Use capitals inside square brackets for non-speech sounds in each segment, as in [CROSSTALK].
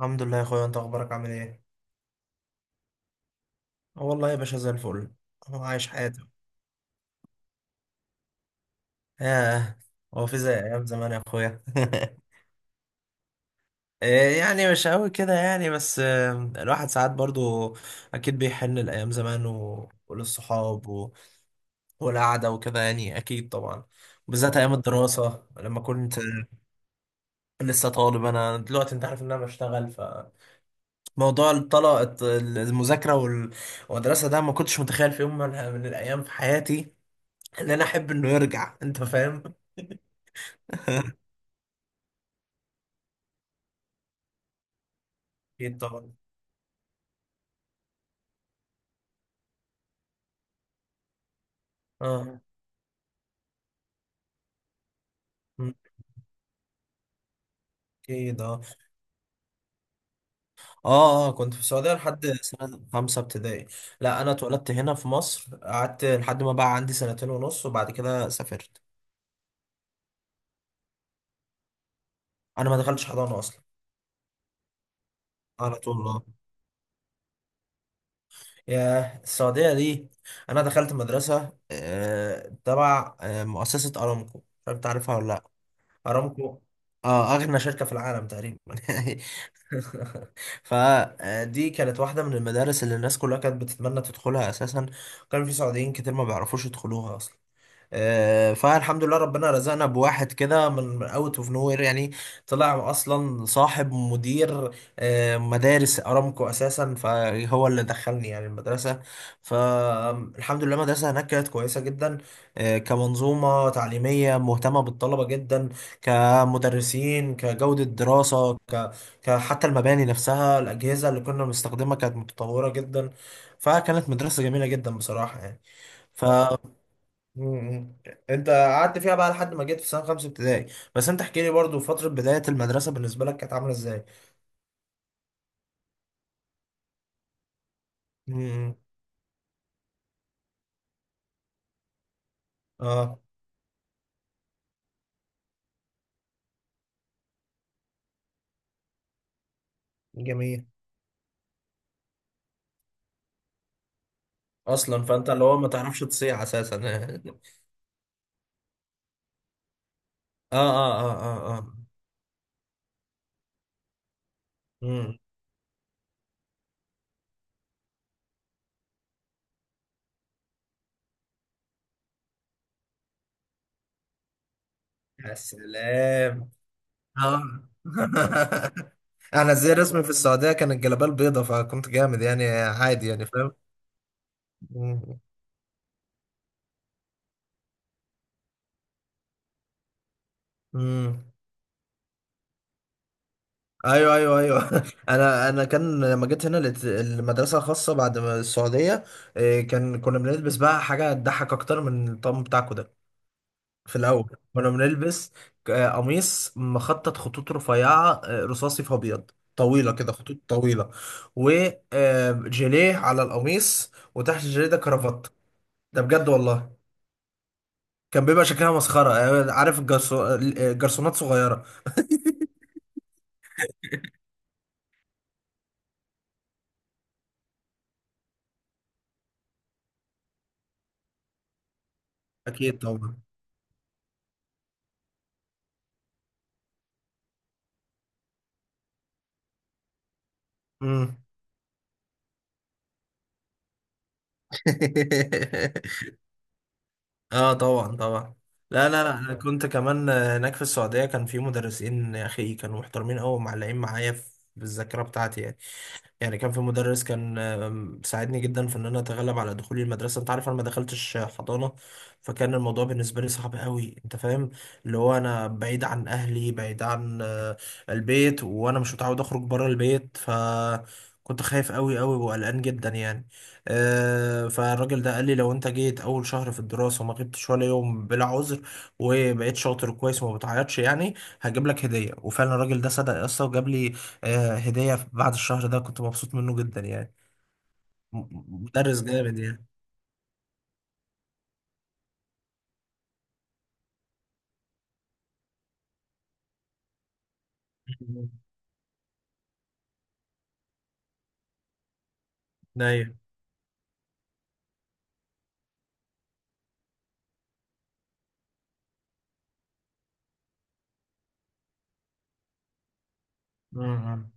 الحمد لله يا اخويا، انت اخبارك عامل ايه؟ اه والله يا باشا زي الفل. انا عايش حياتي. ياه. هو في زي ايام زمان يا اخويا؟ [LAUGHS] إيه يعني، مش قوي كده يعني، بس الواحد ساعات برضو اكيد بيحن لايام زمان وللصحاب والقعده وكده يعني، اكيد طبعا. بالذات ايام الدراسه، لما كنت لسه طالب. انا دلوقتي انت عارف ان انا بشتغل، موضوع الطلاق، المذاكره والمدرسه، ده ما كنتش متخيل في يوم من الايام في حياتي ان انا احب انه يرجع، انت فاهم. اكيد طبعا. اه. مم. اكيد اه. اه اه، كنت في السعوديه لحد سنه خمسه ابتدائي. لا انا اتولدت هنا في مصر، قعدت لحد ما بقى عندي سنتين ونص وبعد كده سافرت. انا ما دخلتش حضانه اصلا. على طول اه. يا السعوديه دي، انا دخلت مدرسه تبع مؤسسه ارامكو، مش عارف تعرفها ولا لا؟ ارامكو، اه، اغنى شركه في العالم تقريبا. [LAUGHS] [LAUGHS] فدي كانت واحدة من المدارس اللي الناس كلها كانت بتتمنى تدخلها أساسا. كان في سعوديين كتير ما بيعرفوش يدخلوها أصلا. فالحمد لله ربنا رزقنا بواحد كده من اوت اوف نو وير يعني، طلع اصلا صاحب مدير مدارس ارامكو اساسا، فهو اللي دخلني يعني المدرسه. فالحمد لله المدرسه هناك كانت كويسه جدا، كمنظومه تعليميه مهتمه بالطلبه جدا، كمدرسين، كجوده دراسه، حتى المباني نفسها، الاجهزه اللي كنا بنستخدمها كانت متطوره جدا. فكانت مدرسه جميله جدا بصراحه يعني. ف آه. مم. انت قعدت فيها بقى لحد ما جيت في سنه خمسه ابتدائي، بس انت احكي لي برضو فتره بدايه المدرسه بالنسبه لك كانت عامله ازاي؟ مم. اه. جميل. اصلا فانت اللي هو ما تعرفش تصيع اساسا. [LAUGHS] اه اه اه. اه اه. مم. يا سلام. اه. [LAUGHS] انا زي رسمي في السعوديه كان الجلابيه البيضه، فكنت جامد يعني عادي يعني، فاهم؟ مم. ايوه ايوه ايوه. [LAUGHS] انا كان لما جيت هنا لقيت المدرسه الخاصه بعد ما السعوديه، كان كنا بنلبس بقى حاجه تضحك اكتر من الطقم بتاعكو ده. في الاول كنا بنلبس قميص مخطط خطوط رفيعه، رصاصي في ابيض، طويله كده خطوط طويله، وجيليه على القميص، وتحت الجيليه ده كرافات. ده بجد والله. كان بيبقى شكلها مسخره، عارف الجرسونات صغيره. اكيد طبعا. مم. [LAUGHS] اه طبعا طبعا. لا لا لا، انا كنت كمان هناك في السعوديه كان في مدرسين يا اخي كانوا محترمين قوي، ومعلقين معايا في في الذاكره بتاعتي يعني. يعني كان في مدرس كان ساعدني جدا في ان انا اتغلب على دخولي المدرسه، انت عارف انا ما دخلتش حضانه، فكان الموضوع بالنسبه لي صعب قوي، انت فاهم. اللي هو انا بعيد عن اهلي، بعيد عن البيت، وانا مش متعود اخرج بره البيت، كنت خايف قوي قوي وقلقان جدا يعني. فالراجل ده قال لي لو انت جيت اول شهر في الدراسه وما غبتش ولا يوم بلا عذر، وبقيت شاطر كويس وما بتعيطش يعني، هجيب لك هديه. وفعلا الراجل ده صدق يا اسطى وجاب لي هدية بعد الشهر ده، كنت مبسوط منه جدا يعني. مدرس جامد يعني. [LAUGHS] مم. ايوه. امم.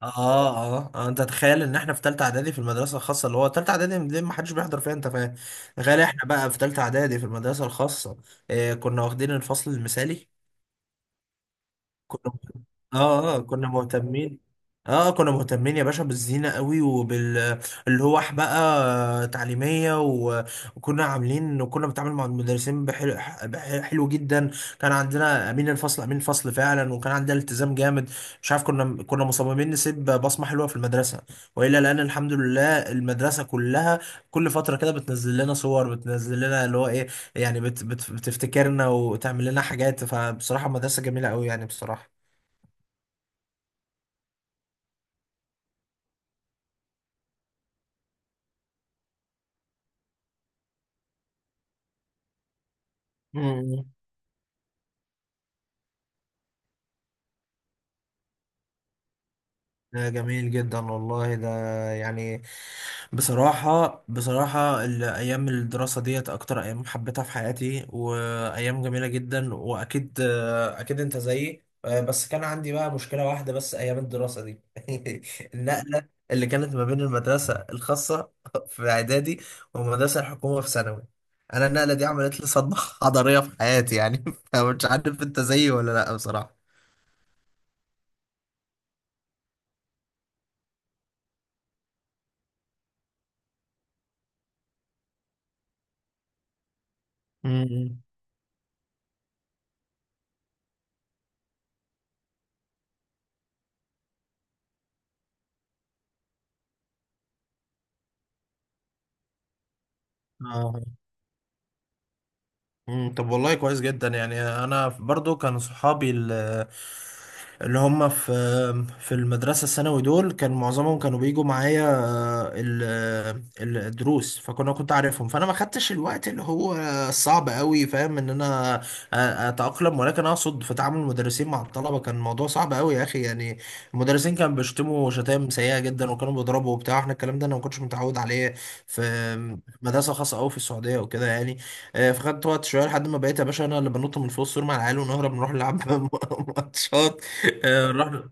اه اه. انت تخيل ان احنا في تالتة اعدادي في المدرسة الخاصة، اللي هو تالتة اعدادي دي ما حدش بيحضر فيها، انت فاهم؟ تخيل احنا بقى في تالتة اعدادي في المدرسة الخاصة آه كنا واخدين الفصل المثالي. كنا، اه اه كنا مهتمين، اه كنا مهتمين يا باشا بالزينة قوي، وبال اللوح بقى تعليمية وكنا عاملين، وكنا بنتعامل مع المدرسين بحلو، بح- حلو جدا. كان عندنا أمين الفصل، أمين الفصل فعلا. وكان عندنا التزام جامد، مش عارف، كنا مصممين نسيب بصمة حلوة في المدرسة وإلا لأن الحمد لله المدرسة كلها كل فترة كده بتنزل لنا صور، بتنزل لنا اللي هو إيه، يعني بت بت بتفتكرنا وتعمل لنا حاجات. فبصراحة مدرسة جميلة قوي يعني بصراحة. مم. ده جميل جدا والله ده يعني. بصراحة بصراحة الأيام الدراسة ديت أكتر أيام حبيتها في حياتي، وأيام جميلة جدا، وأكيد أكيد أنت زيي، بس كان عندي بقى مشكلة واحدة بس أيام الدراسة دي. [LAUGHS] النقلة اللي كانت ما بين المدرسة الخاصة في إعدادي والمدرسة الحكومة في ثانوي، أنا النقلة دي عملت لي صدمة [LAUGHS] حضارية في حياتي يعني. [LAUGHS] فمش عارف أنت زيي ولا لأ بصراحة. امم. مم، طب والله كويس جدا يعني. انا برضو كان صحابي اللي هم في في المدرسه الثانوي دول كان معظمهم كانوا بيجوا معايا الدروس، فكنا، كنت عارفهم، فانا ما خدتش الوقت اللي هو صعب قوي فاهم ان انا اتاقلم. ولكن اقصد في تعامل المدرسين مع الطلبه كان الموضوع صعب قوي يا اخي يعني. المدرسين كانوا بيشتموا شتائم سيئه جدا، وكانوا بيضربوا وبتاع، احنا الكلام ده انا ما كنتش متعود عليه في مدرسه خاصه قوي في السعوديه وكده يعني. فخدت وقت شويه لحد ما بقيت يا باشا انا اللي بنط من فوق السور مع العيال ونهرب نروح نلعب [LAUGHS] ماتشات. نروح،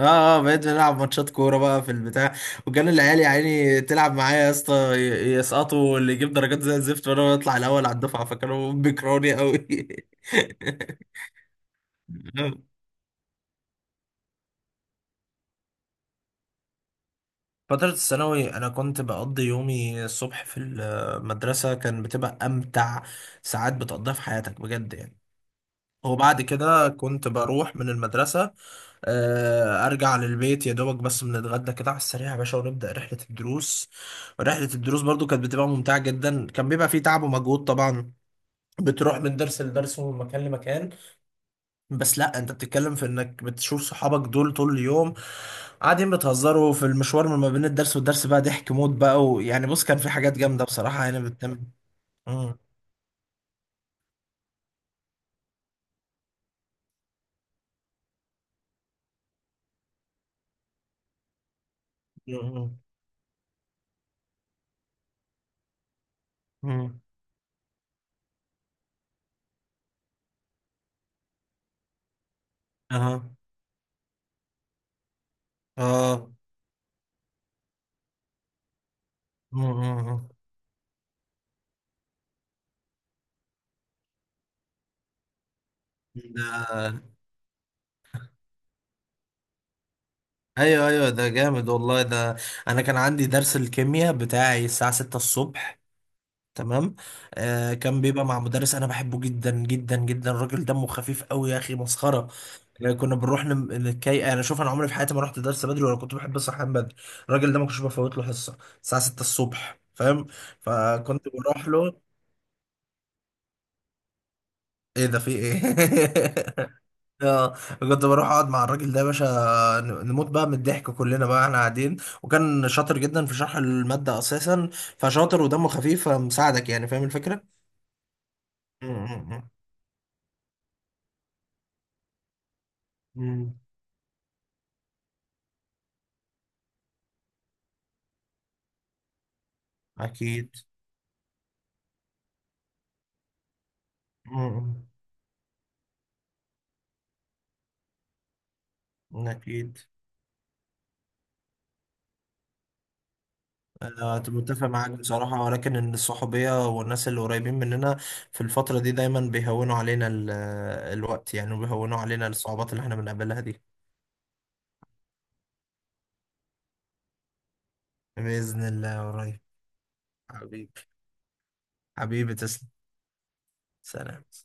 اه اه بقيت بنلعب ماتشات كوره بقى في البتاع. وكان العيال يا عيني تلعب معايا يا اسطى، يسقطوا واللي يجيب درجات زي الزفت، وانا بطلع الاول على الدفعه، فكانوا بيكرهوني قوي. [LAUGHS] فترة الثانوي أنا كنت بقضي يومي الصبح في المدرسة، كان بتبقى أمتع ساعات بتقضيها في حياتك بجد يعني. وبعد كده كنت بروح من المدرسة، أرجع للبيت يا دوبك، بس بنتغدى كده على السريع يا باشا ونبدأ رحلة الدروس. رحلة الدروس برضو كانت بتبقى ممتعة جدا، كان بيبقى فيه تعب ومجهود طبعا، بتروح من درس لدرس ومن مكان لمكان، بس لا انت بتتكلم في انك بتشوف صحابك دول طول اليوم قاعدين بتهزروا في المشوار ما بين الدرس والدرس، بقى ضحك موت بقى ويعني بص كان في حاجات جامدة بصراحة يعني بتتم. مم. مم. مم. اها. اه. مم. مم. مم. ده ايوه ايوه ده جامد والله ده. انا كان عندي درس الكيمياء بتاعي الساعة 6 الصبح. تمام. آه كان بيبقى مع مدرس انا بحبه جدا جدا جدا، الراجل دمه خفيف قوي يا اخي، مسخرة. كنا بنروح نتكي. انا شوف، انا عمري في حياتي ما رحت درس بدري ولا كنت بحب الصحيان بدري. الراجل ده ما كنتش بفوت له حصة الساعة 6 الصبح، فاهم؟ فكنت بروح له. ايه ده في ايه؟ [LAUGHS] اه كنت بروح اقعد مع الراجل ده يا باشا، نموت بقى من الضحك كلنا بقى احنا قاعدين. وكان شاطر جدا في شرح المادة اساسا، فشاطر ودمه خفيف فمساعدك يعني، فاهم الفكرة؟ امم. امم. اكيد. امم. اكيد. انا متفق معاك بصراحة، ولكن ان الصحوبية والناس اللي قريبين مننا في الفترة دي دايما بيهونوا علينا الوقت يعني، وبيهونوا علينا الصعوبات اللي احنا بنقابلها دي. بإذن الله قريب. حبيبي. حبيبي تسلم. سلام.